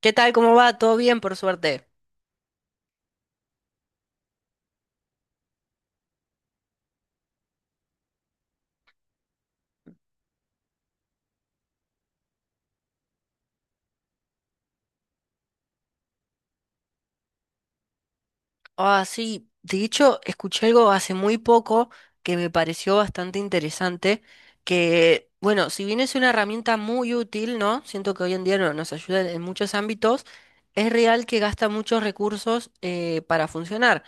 ¿Qué tal? ¿Cómo va? ¿Todo bien, por suerte? Ah, sí. De hecho, escuché algo hace muy poco que me pareció bastante interesante, que, bueno, si bien es una herramienta muy útil, ¿no? Siento que hoy en día nos ayuda en muchos ámbitos, es real que gasta muchos recursos para funcionar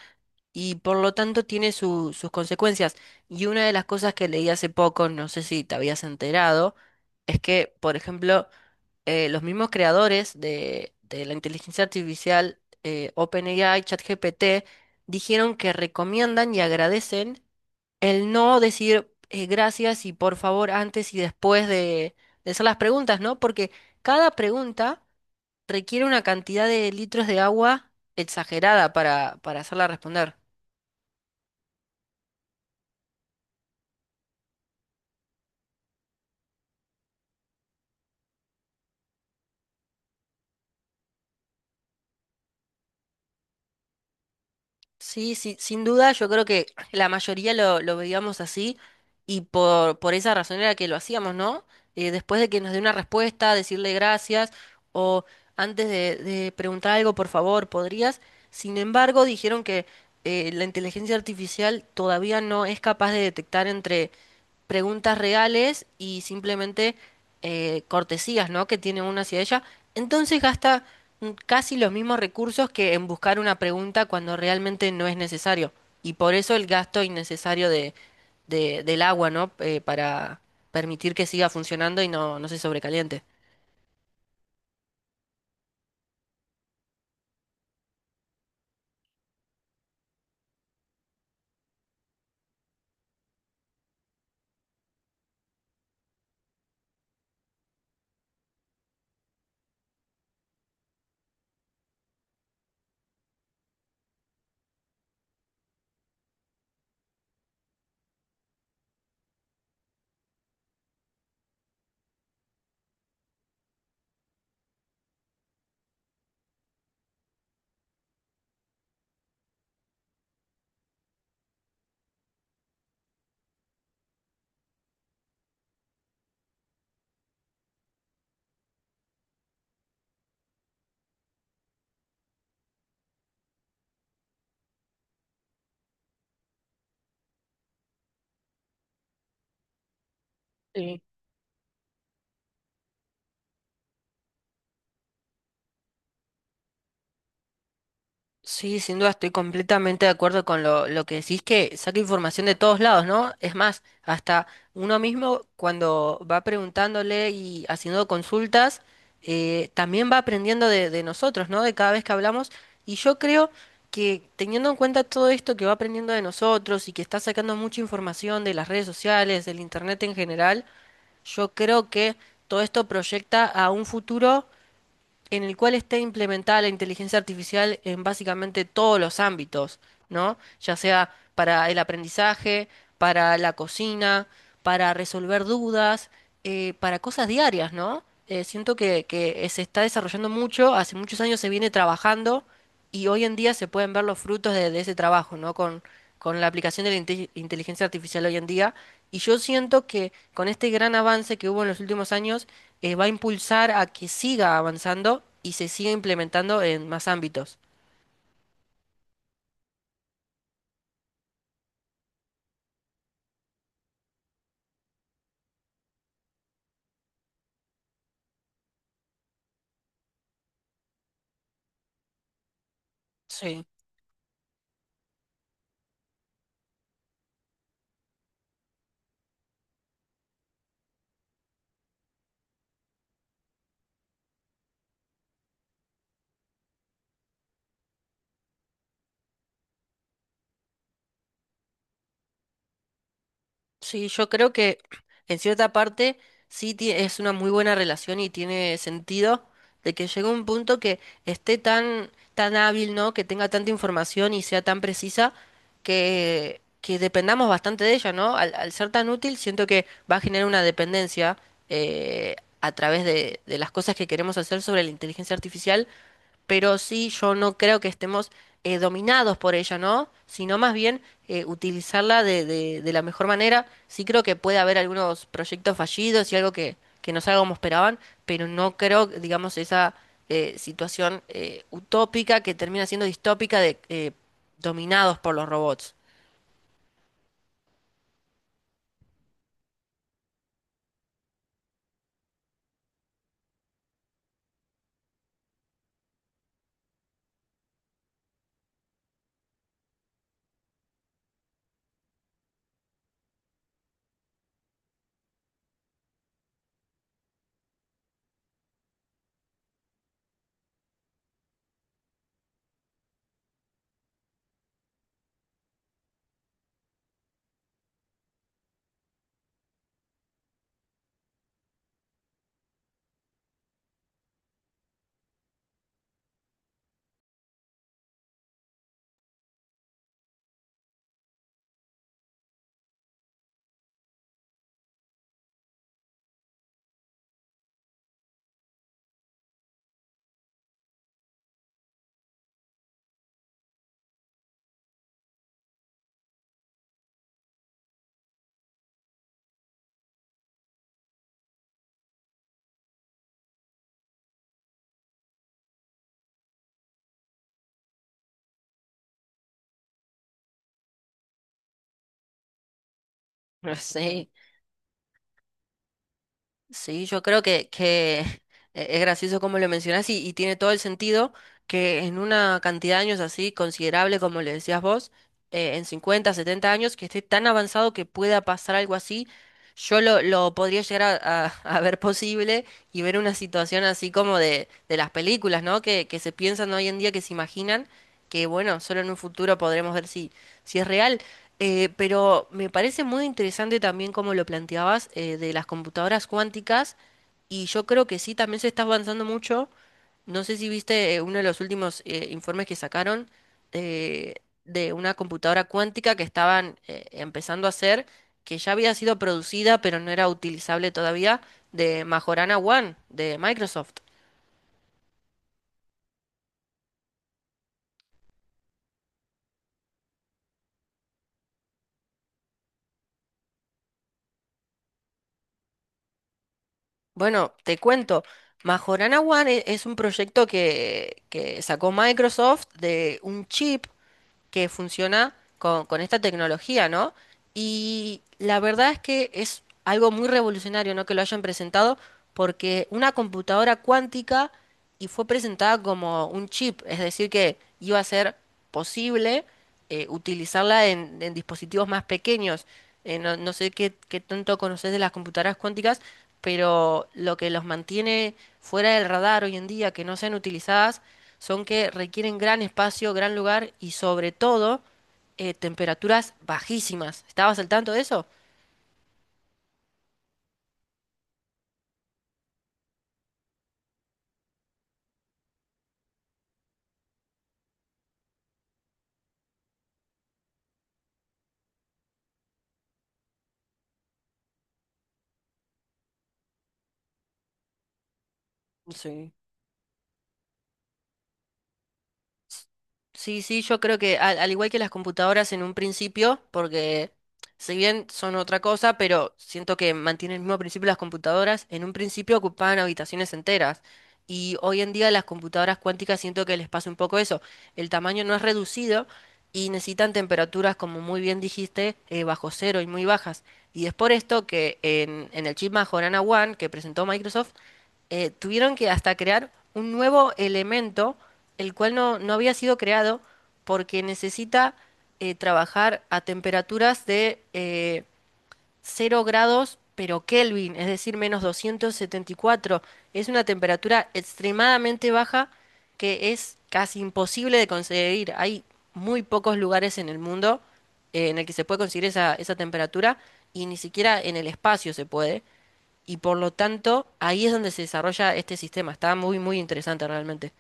y por lo tanto tiene sus consecuencias. Y una de las cosas que leí hace poco, no sé si te habías enterado, es que, por ejemplo, los mismos creadores de la inteligencia artificial, OpenAI, ChatGPT, dijeron que recomiendan y agradecen el no decir gracias y por favor antes y después de hacer las preguntas, ¿no? Porque cada pregunta requiere una cantidad de litros de agua exagerada para hacerla responder. Sí, sí, sin duda, yo creo que la mayoría lo veíamos así y por esa razón era que lo hacíamos, ¿no? Después de que nos dé una respuesta, decirle gracias o antes de preguntar algo, por favor, ¿podrías? Sin embargo, dijeron que la inteligencia artificial todavía no es capaz de detectar entre preguntas reales y simplemente cortesías, ¿no? que tiene uno hacia ella. Entonces gasta casi los mismos recursos que en buscar una pregunta cuando realmente no es necesario. Y por eso el gasto innecesario del agua, ¿no? Para permitir que siga funcionando y no, no se sobrecaliente. Sí. Sí, sin duda estoy completamente de acuerdo con lo que decís, que saca información de todos lados, ¿no? Es más, hasta uno mismo cuando va preguntándole y haciendo consultas, también va aprendiendo de nosotros, ¿no? De cada vez que hablamos. Y yo creo que teniendo en cuenta todo esto que va aprendiendo de nosotros y que está sacando mucha información de las redes sociales, del internet en general, yo creo que todo esto proyecta a un futuro en el cual esté implementada la inteligencia artificial en básicamente todos los ámbitos, ¿no? Ya sea para el aprendizaje, para la cocina, para resolver dudas, para cosas diarias, ¿no? Siento que se está desarrollando mucho, hace muchos años se viene trabajando y hoy en día se pueden ver los frutos de ese trabajo, ¿no? Con la aplicación de la inteligencia artificial hoy en día. Y yo siento que con este gran avance que hubo en los últimos años, va a impulsar a que siga avanzando y se siga implementando en más ámbitos. Sí. Sí, yo creo que en cierta parte es una muy buena relación y tiene sentido de que llegue un punto que esté tan, tan hábil, ¿no? Que tenga tanta información y sea tan precisa que dependamos bastante de ella, ¿no? Al ser tan útil, siento que va a generar una dependencia eh, a través de las cosas que queremos hacer sobre la inteligencia artificial pero sí yo no creo que estemos dominados por ella, ¿no? Sino más bien utilizarla de la mejor manera. Sí creo que puede haber algunos proyectos fallidos y algo que no salga como esperaban, pero no creo, digamos, esa situación utópica que termina siendo distópica de dominados por los robots. No sé. Sí, yo creo que es gracioso como lo mencionás y tiene todo el sentido que en una cantidad de años así considerable, como le decías vos, en 50, 70 años, que esté tan avanzado que pueda pasar algo así, yo lo podría llegar a, a ver posible y ver una situación así como de las películas, ¿no? Que se piensan hoy en día, que se imaginan, que bueno, solo en un futuro podremos ver si, si es real. Pero me parece muy interesante también como lo planteabas de las computadoras cuánticas y yo creo que sí, también se está avanzando mucho. No sé si viste uno de los últimos informes que sacaron eh, de una computadora cuántica que estaban empezando a hacer, que ya había sido producida pero no era utilizable todavía, de Majorana One de Microsoft. Bueno, te cuento, Majorana One es un proyecto que sacó Microsoft de un chip que funciona con esta tecnología, ¿no? Y la verdad es que es algo muy revolucionario, ¿no? Que lo hayan presentado porque una computadora cuántica y fue presentada como un chip, es decir, que iba a ser posible utilizarla en dispositivos más pequeños. No, no sé qué, qué tanto conoces de las computadoras cuánticas, pero lo que los mantiene fuera del radar hoy en día, que no sean utilizadas, son que requieren gran espacio, gran lugar y sobre todo temperaturas bajísimas. ¿Estabas al tanto de eso? Sí. Sí, sí, yo creo que al igual que las computadoras en un principio, porque si bien son otra cosa, pero siento que mantienen el mismo principio las computadoras, en un principio ocupaban habitaciones enteras. Y hoy en día las computadoras cuánticas siento que les pasa un poco eso. El tamaño no es reducido y necesitan temperaturas, como muy bien dijiste, bajo cero y muy bajas. Y es por esto que en el chip Majorana One que presentó Microsoft, tuvieron que hasta crear un nuevo elemento, el cual no, no había sido creado porque necesita trabajar a temperaturas de 0 grados, pero Kelvin, es decir, menos 274. Es una temperatura extremadamente baja que es casi imposible de conseguir. Hay muy pocos lugares en el mundo en el que se puede conseguir esa temperatura y ni siquiera en el espacio se puede y por lo tanto ahí es donde se desarrolla este sistema. Está muy, muy interesante realmente.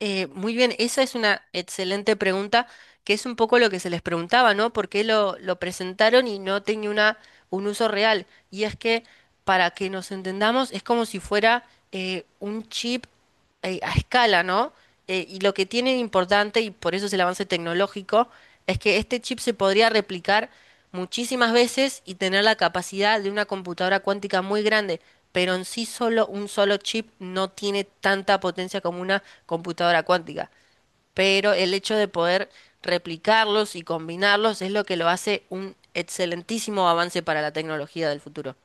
Muy bien, esa es una excelente pregunta, que es un poco lo que se les preguntaba, ¿no? ¿Por qué lo presentaron y no tenía una, un uso real? Y es que, para que nos entendamos, es como si fuera un chip a escala, ¿no? Y lo que tiene de importante, y por eso es el avance tecnológico, es que este chip se podría replicar muchísimas veces y tener la capacidad de una computadora cuántica muy grande, pero en sí solo un solo chip no tiene tanta potencia como una computadora cuántica. Pero el hecho de poder replicarlos y combinarlos es lo que lo hace un excelentísimo avance para la tecnología del futuro.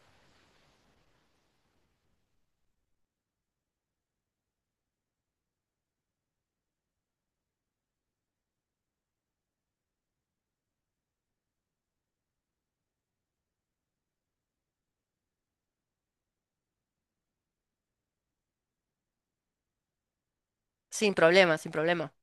Sin problema, sin problema.